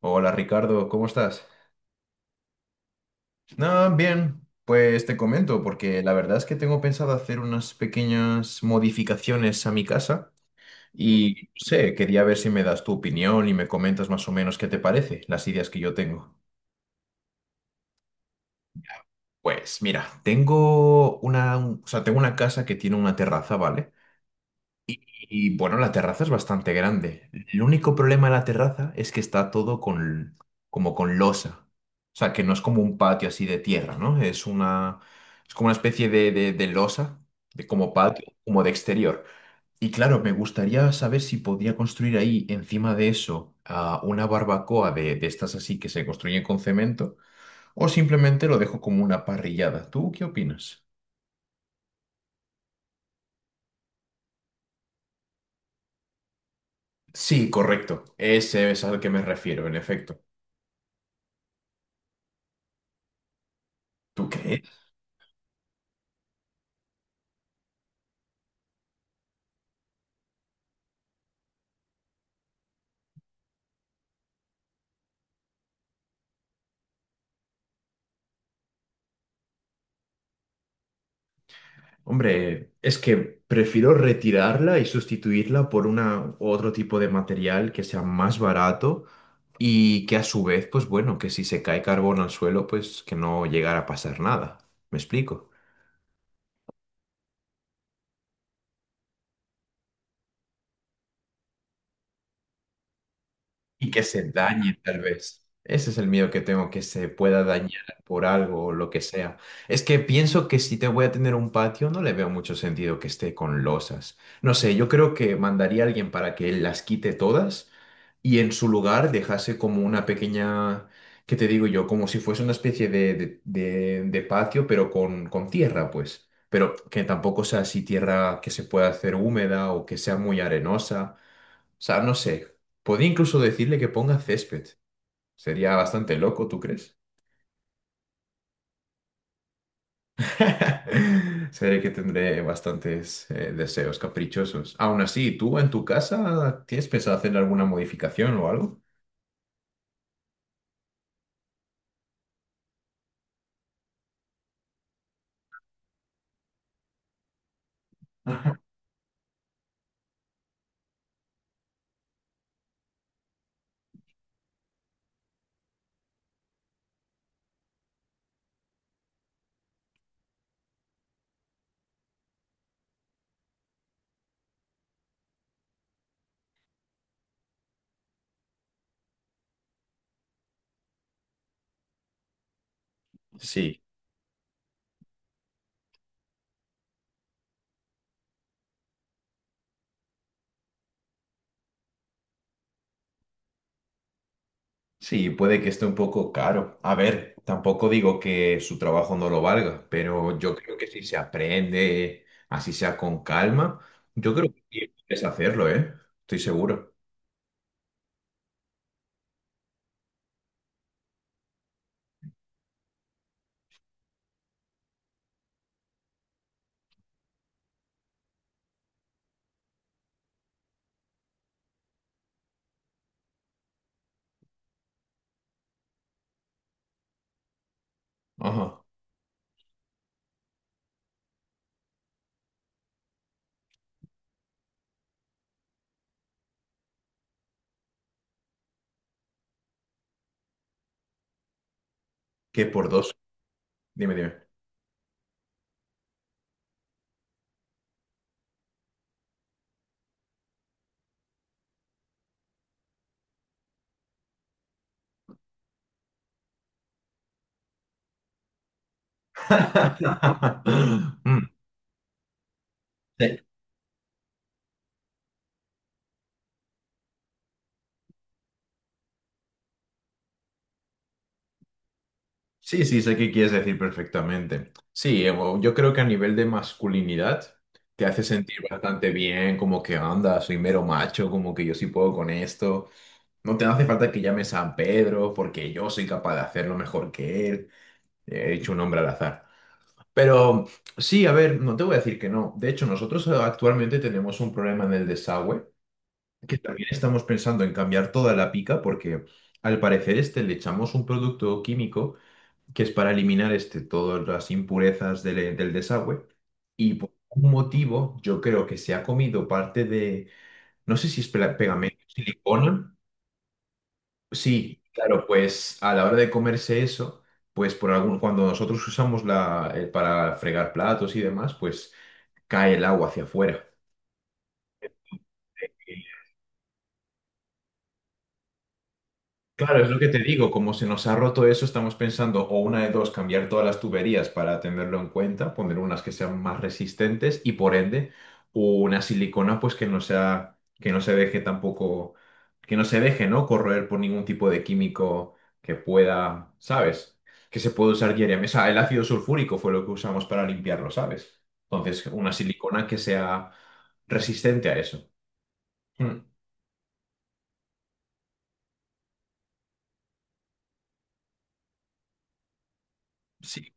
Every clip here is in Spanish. Hola Ricardo, ¿cómo estás? No, bien, pues te comento, porque la verdad es que tengo pensado hacer unas pequeñas modificaciones a mi casa y no sé, quería ver si me das tu opinión y me comentas más o menos qué te parece, las ideas que yo tengo. Pues mira, tengo una, o sea, tengo una casa que tiene una terraza, ¿vale? Y bueno, la terraza es bastante grande. El único problema de la terraza es que está todo con, como con losa. O sea, que no es como un patio así de tierra, ¿no? Es una, es como una especie de losa, de como patio, como de exterior. Y claro, me gustaría saber si podría construir ahí, encima de eso, una barbacoa de estas así que se construyen con cemento, o simplemente lo dejo como una parrillada. ¿Tú qué opinas? Sí, correcto. Ese es al que me refiero, en efecto. ¿Tú crees? Hombre, es que prefiero retirarla y sustituirla por una u otro tipo de material que sea más barato y que a su vez, pues bueno, que si se cae carbón al suelo, pues que no llegara a pasar nada. ¿Me explico? Y que se dañe tal vez. Ese es el miedo que tengo, que se pueda dañar por algo o lo que sea. Es que pienso que si te voy a tener un patio, no le veo mucho sentido que esté con losas. No sé, yo creo que mandaría a alguien para que él las quite todas y en su lugar dejase como una pequeña, ¿qué te digo yo? Como si fuese una especie de patio, pero con tierra, pues. Pero que tampoco sea así tierra que se pueda hacer húmeda o que sea muy arenosa, o sea, no sé. Podría incluso decirle que ponga césped. Sería bastante loco, ¿tú crees? Sé que tendré bastantes deseos caprichosos. Aún así, ¿tú en tu casa tienes pensado hacer alguna modificación o algo? Sí, sí, puede que esté un poco caro. A ver, tampoco digo que su trabajo no lo valga, pero yo creo que si se aprende, así sea con calma, yo creo que puedes hacerlo, ¿eh? Estoy seguro. Ajá. Que por dos. Dime, dime. Mm. Sí, sí, sí, sé qué quieres decir perfectamente. Sí, bueno, yo creo que a nivel de masculinidad te hace sentir bastante bien, como que anda, soy mero macho, como que yo sí puedo con esto. No te hace falta que llames San Pedro, porque yo soy capaz de hacerlo mejor que él. He hecho un hombre al azar. Pero sí, a ver, no te voy a decir que no. De hecho, nosotros actualmente tenemos un problema en el desagüe, que también estamos pensando en cambiar toda la pica porque al parecer este le echamos un producto químico que es para eliminar este, todas las impurezas del, del desagüe y por algún motivo yo creo que se ha comido parte de, no sé si es pegamento, silicona. Sí, claro, pues a la hora de comerse eso, pues por algún, cuando nosotros usamos la, para fregar platos y demás, pues cae el agua hacia afuera. Claro, es lo que te digo, como se nos ha roto eso, estamos pensando o una de dos, cambiar todas las tuberías para tenerlo en cuenta, poner unas que sean más resistentes y por ende una silicona pues que no sea, que no se deje tampoco, que no se deje, ¿no? Corroer por ningún tipo de químico que pueda, ¿sabes? Que se puede usar diariamente. O sea, el ácido sulfúrico fue lo que usamos para limpiarlo, ¿sabes? Entonces, una silicona que sea resistente a eso. Mm. Sí,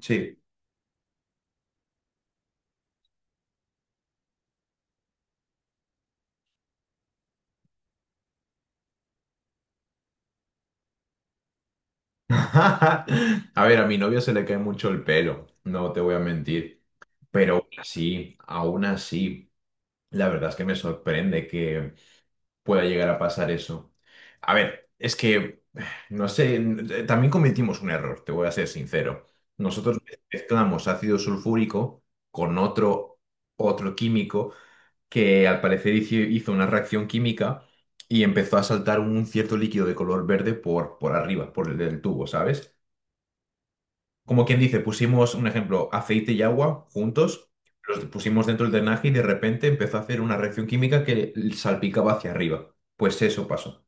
sí. A ver, a mi novio se le cae mucho el pelo, no te voy a mentir. Pero aún así, la verdad es que me sorprende que pueda llegar a pasar eso. A ver, es que, no sé, también cometimos un error, te voy a ser sincero. Nosotros mezclamos ácido sulfúrico con otro, otro químico que al parecer hizo una reacción química y empezó a saltar un cierto líquido de color verde por arriba, por el del tubo, ¿sabes? Como quien dice, pusimos un ejemplo, aceite y agua juntos, los pusimos dentro del drenaje y de repente empezó a hacer una reacción química que salpicaba hacia arriba. Pues eso pasó.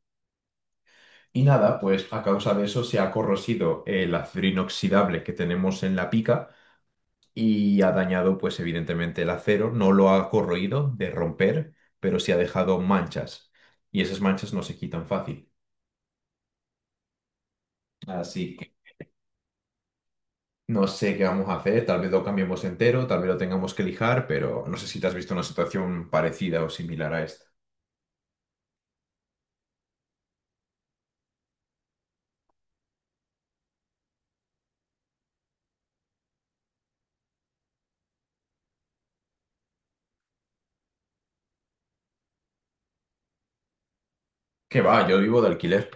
Y nada, pues a causa de eso se ha corrosido el acero inoxidable que tenemos en la pica y ha dañado, pues evidentemente, el acero. No lo ha corroído de romper, pero sí ha dejado manchas. Y esas manchas no se quitan fácil. Así que no sé qué vamos a hacer, tal vez lo cambiemos entero, tal vez lo tengamos que lijar, pero no sé si te has visto una situación parecida o similar a esta. ¿Qué va? Yo vivo de alquiler.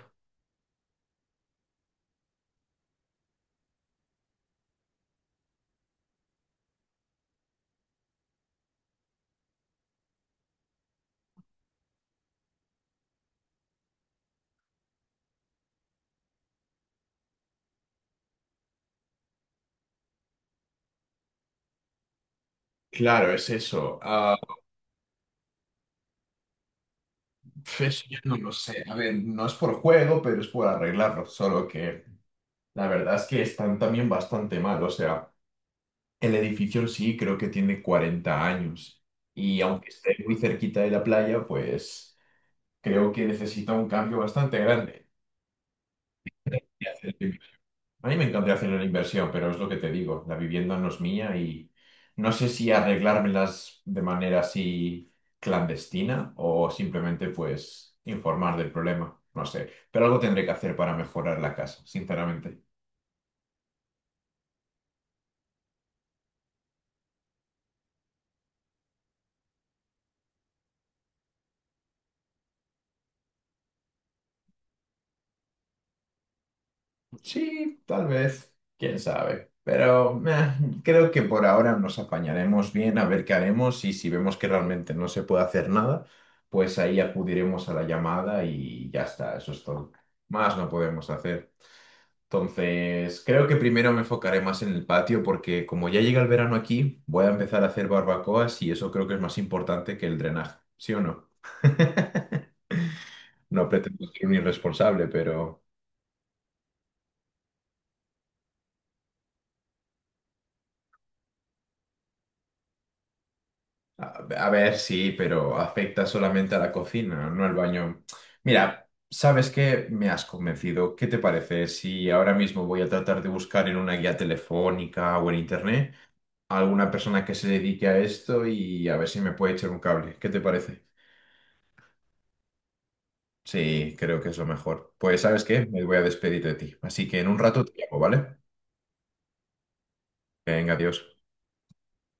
Claro, es eso. Ah, pf, eso yo no lo sé. A ver, no es por juego, pero es por arreglarlo. Solo que la verdad es que están también bastante mal. O sea, el edificio en sí creo que tiene 40 años. Y aunque esté muy cerquita de la playa, pues creo que necesita un cambio bastante grande. A mí me encantaría hacer una inversión, pero es lo que te digo, la vivienda no es mía y no sé si arreglármelas de manera así clandestina o simplemente pues informar del problema, no sé, pero algo tendré que hacer para mejorar la casa, sinceramente. Sí, tal vez, quién sabe, pero meh, creo que por ahora nos apañaremos bien a ver qué haremos y si vemos que realmente no se puede hacer nada, pues ahí acudiremos a la llamada y ya está, eso es todo. Más no podemos hacer. Entonces, creo que primero me enfocaré más en el patio porque como ya llega el verano aquí, voy a empezar a hacer barbacoas y eso creo que es más importante que el drenaje, ¿sí o no? No pretendo ser un irresponsable, pero a, a ver, sí, pero afecta solamente a la cocina, no al baño. Mira, ¿sabes qué? Me has convencido. ¿Qué te parece si ahora mismo voy a tratar de buscar en una guía telefónica o en internet a alguna persona que se dedique a esto y a ver si me puede echar un cable? ¿Qué te parece? Sí, creo que es lo mejor. Pues, ¿sabes qué? Me voy a despedir de ti. Así que en un rato te llamo, ¿vale? Venga, adiós.